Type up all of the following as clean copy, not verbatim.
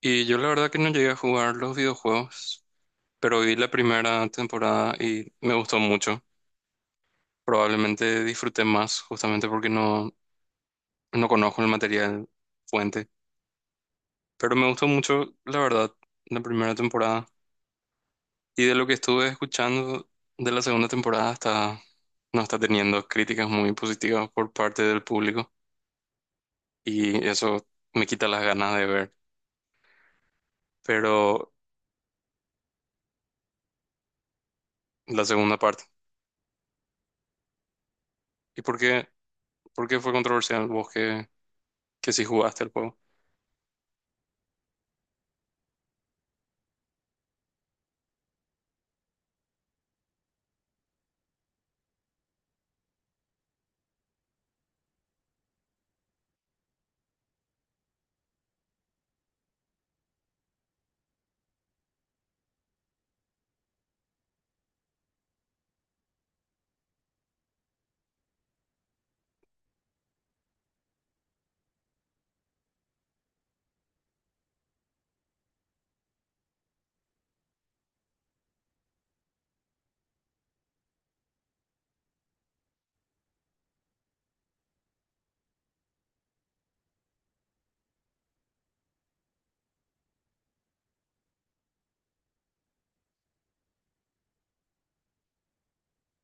Y yo la verdad que no llegué a jugar los videojuegos, pero vi la primera temporada y me gustó mucho. Probablemente disfruté más justamente porque no conozco el material fuente, pero me gustó mucho, la verdad, la primera temporada. Y de lo que estuve escuchando de la segunda temporada no está teniendo críticas muy positivas por parte del público y eso me quita las ganas de ver, pero la segunda parte. ¿Y por qué fue controversial vos que sí jugaste el juego?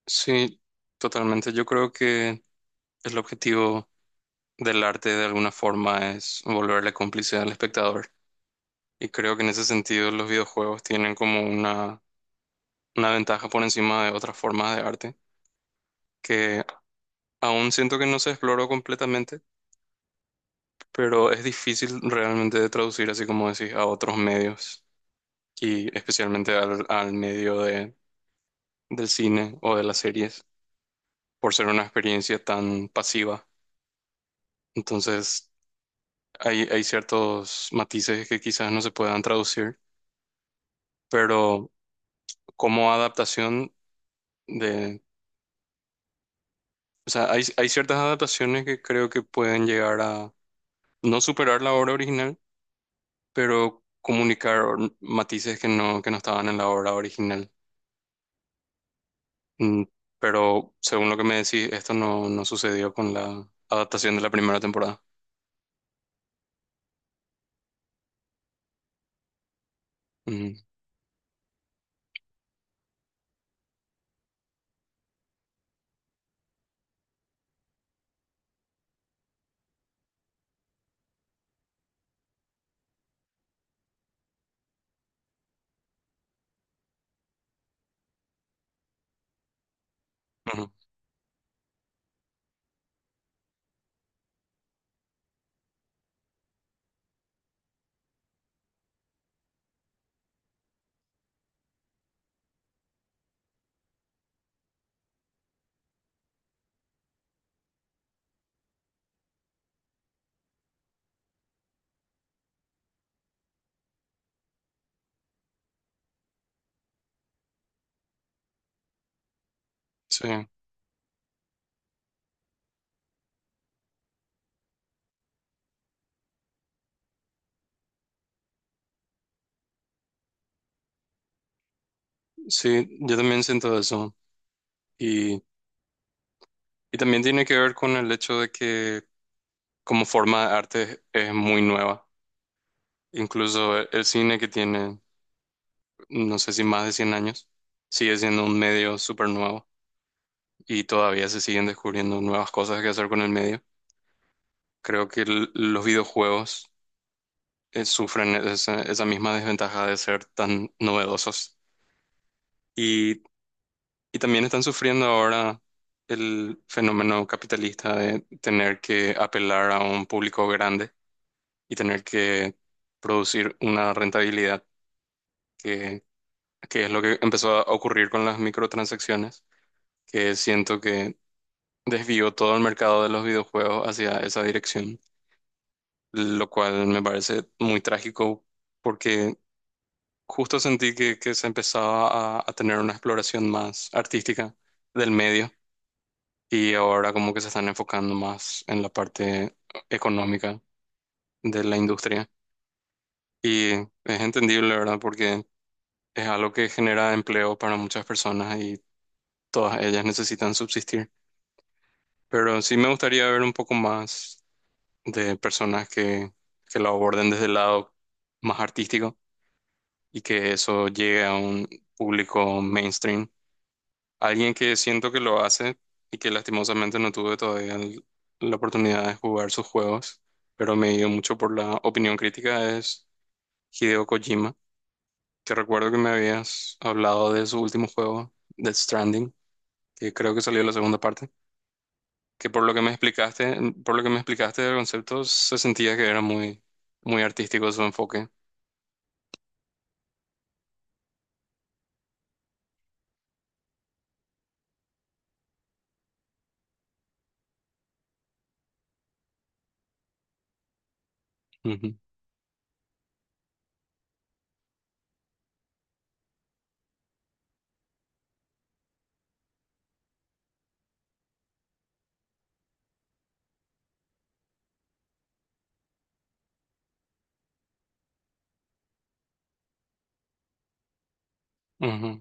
Sí, totalmente. Yo creo que el objetivo del arte de alguna forma es volverle cómplice al espectador. Y creo que en ese sentido los videojuegos tienen como una ventaja por encima de otras formas de arte que aún siento que no se exploró completamente, pero es difícil realmente de traducir, así como decís, a otros medios y especialmente al medio del cine o de las series por ser una experiencia tan pasiva. Entonces... Hay ciertos matices que quizás no se puedan traducir, pero como adaptación de... O sea, hay ciertas adaptaciones que creo que pueden llegar a no superar la obra original, pero comunicar matices que no estaban en la obra original. Mm, pero según lo que me decís, esto no, no sucedió con la adaptación de la primera temporada. Mm, ujú. Sí, sí, yo también siento eso. Y, y también tiene que ver con el hecho de que como forma de arte es muy nueva. Incluso el cine que tiene, no sé si más de 100 años, sigue siendo un medio súper nuevo y todavía se siguen descubriendo nuevas cosas que hacer con el medio. Creo que el- los videojuegos sufren esa, esa misma desventaja de ser tan novedosos y, y también están sufriendo ahora el fenómeno capitalista de tener que apelar a un público grande y tener que producir una rentabilidad, que es lo que empezó a ocurrir con las microtransacciones, que siento que desvió todo el mercado de los videojuegos hacia esa dirección, lo cual me parece muy trágico porque justo sentí que se empezaba a tener una exploración más artística del medio y ahora como que se están enfocando más en la parte económica de la industria. Y es entendible, ¿verdad? Porque es algo que genera empleo para muchas personas y todas ellas necesitan subsistir. Pero sí me gustaría ver un poco más de personas que lo aborden desde el lado más artístico y que eso llegue a un público mainstream. Alguien que siento que lo hace y que lastimosamente no tuve todavía el- la oportunidad de jugar sus juegos, pero me dio mucho por la opinión crítica es Hideo Kojima, que recuerdo que me habías hablado de su último juego, Death Stranding, que creo que salió la segunda parte. Que por lo que me explicaste, Por lo que me explicaste del concepto, se sentía que era muy artístico su enfoque. Ujú, ujú.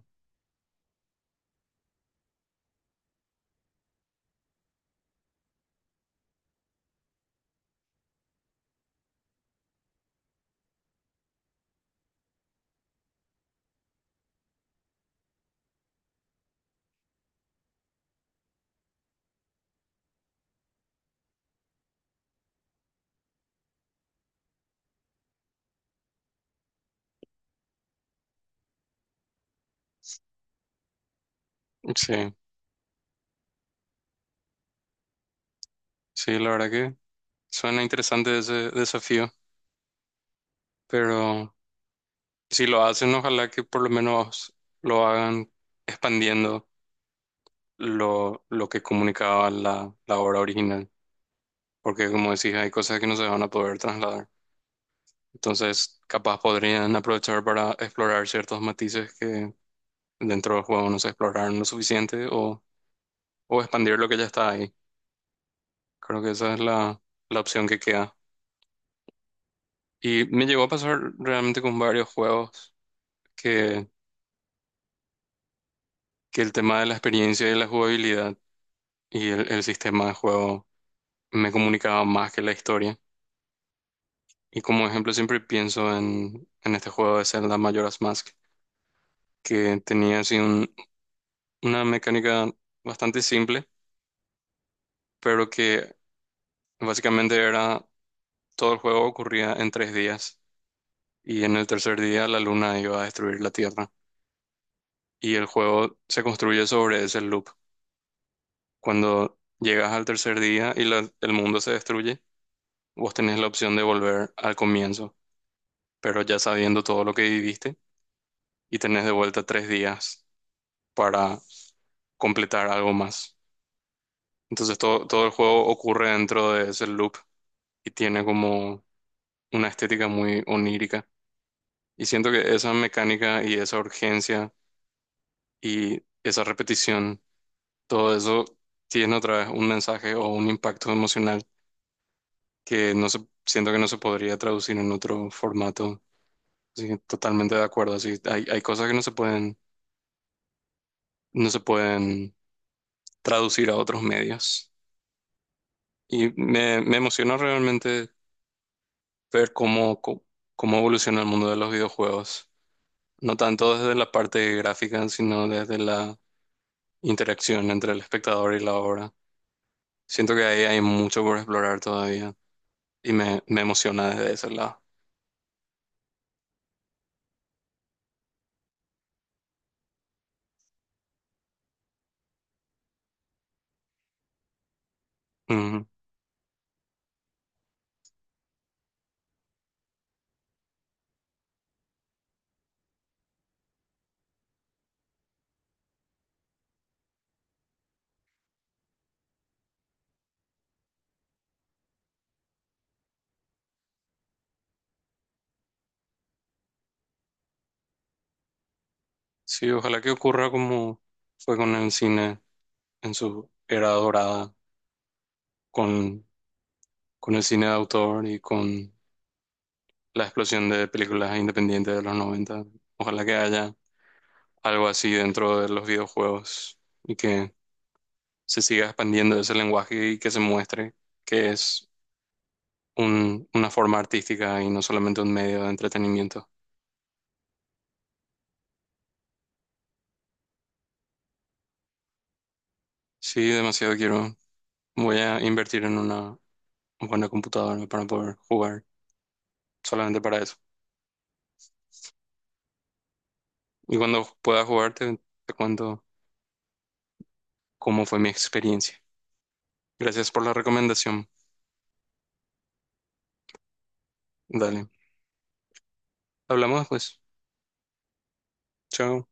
Sí, sí, la verdad que suena interesante ese desafío, pero si lo hacen, ojalá que por lo menos lo hagan expandiendo lo que comunicaba la obra original, porque como decís, hay cosas que no se van a poder trasladar. Entonces, capaz podrían aprovechar para explorar ciertos matices que dentro del juego no se exploraron lo suficiente o expandir lo que ya está ahí. Creo que esa es la opción que queda. Y me llegó a pasar realmente con varios juegos que, que el tema de la experiencia y la jugabilidad y el sistema de juego me comunicaba más que la historia. Y como ejemplo siempre pienso en este juego de Zelda Majora's Mask, que tenía así un- una mecánica bastante simple, pero que básicamente era todo el juego ocurría en 3 días y en el tercer día la luna iba a destruir la Tierra. Y el juego se construye sobre ese loop. Cuando llegas al tercer día y la- el mundo se destruye, vos tenés la opción de volver al comienzo, pero ya sabiendo todo lo que viviste y tenés de vuelta 3 días para completar algo más. Entonces todo el juego ocurre dentro de ese loop y tiene como una estética muy onírica. Y siento que esa mecánica y esa urgencia y esa repetición, todo eso tiene otra vez un mensaje o un impacto emocional que no se, siento que no se podría traducir en otro formato. Así que totalmente de acuerdo. Así, hay cosas que no se pueden traducir a otros medios. Y me emociona realmente ver cómo, co- cómo evoluciona el mundo de los videojuegos. No tanto desde la parte gráfica, sino desde la interacción entre el espectador y la obra. Siento que ahí hay mucho por explorar todavía y me emociona desde ese lado. Ujú. Sí, ojalá que ocurra como fue con el cine en su era dorada con, con el cine de autor y con la explosión de películas independientes de los noventa. Ojalá que haya algo así dentro de los videojuegos y que se siga expandiendo ese lenguaje y que se muestre que es un- una forma artística y no solamente un medio de entretenimiento. Sí, demasiado quiero. Voy a invertir en una buena computadora para poder jugar solamente para eso. Y cuando pueda jugar te cuento cómo fue mi experiencia. Gracias por la recomendación. Dale. Hablamos después. Chao.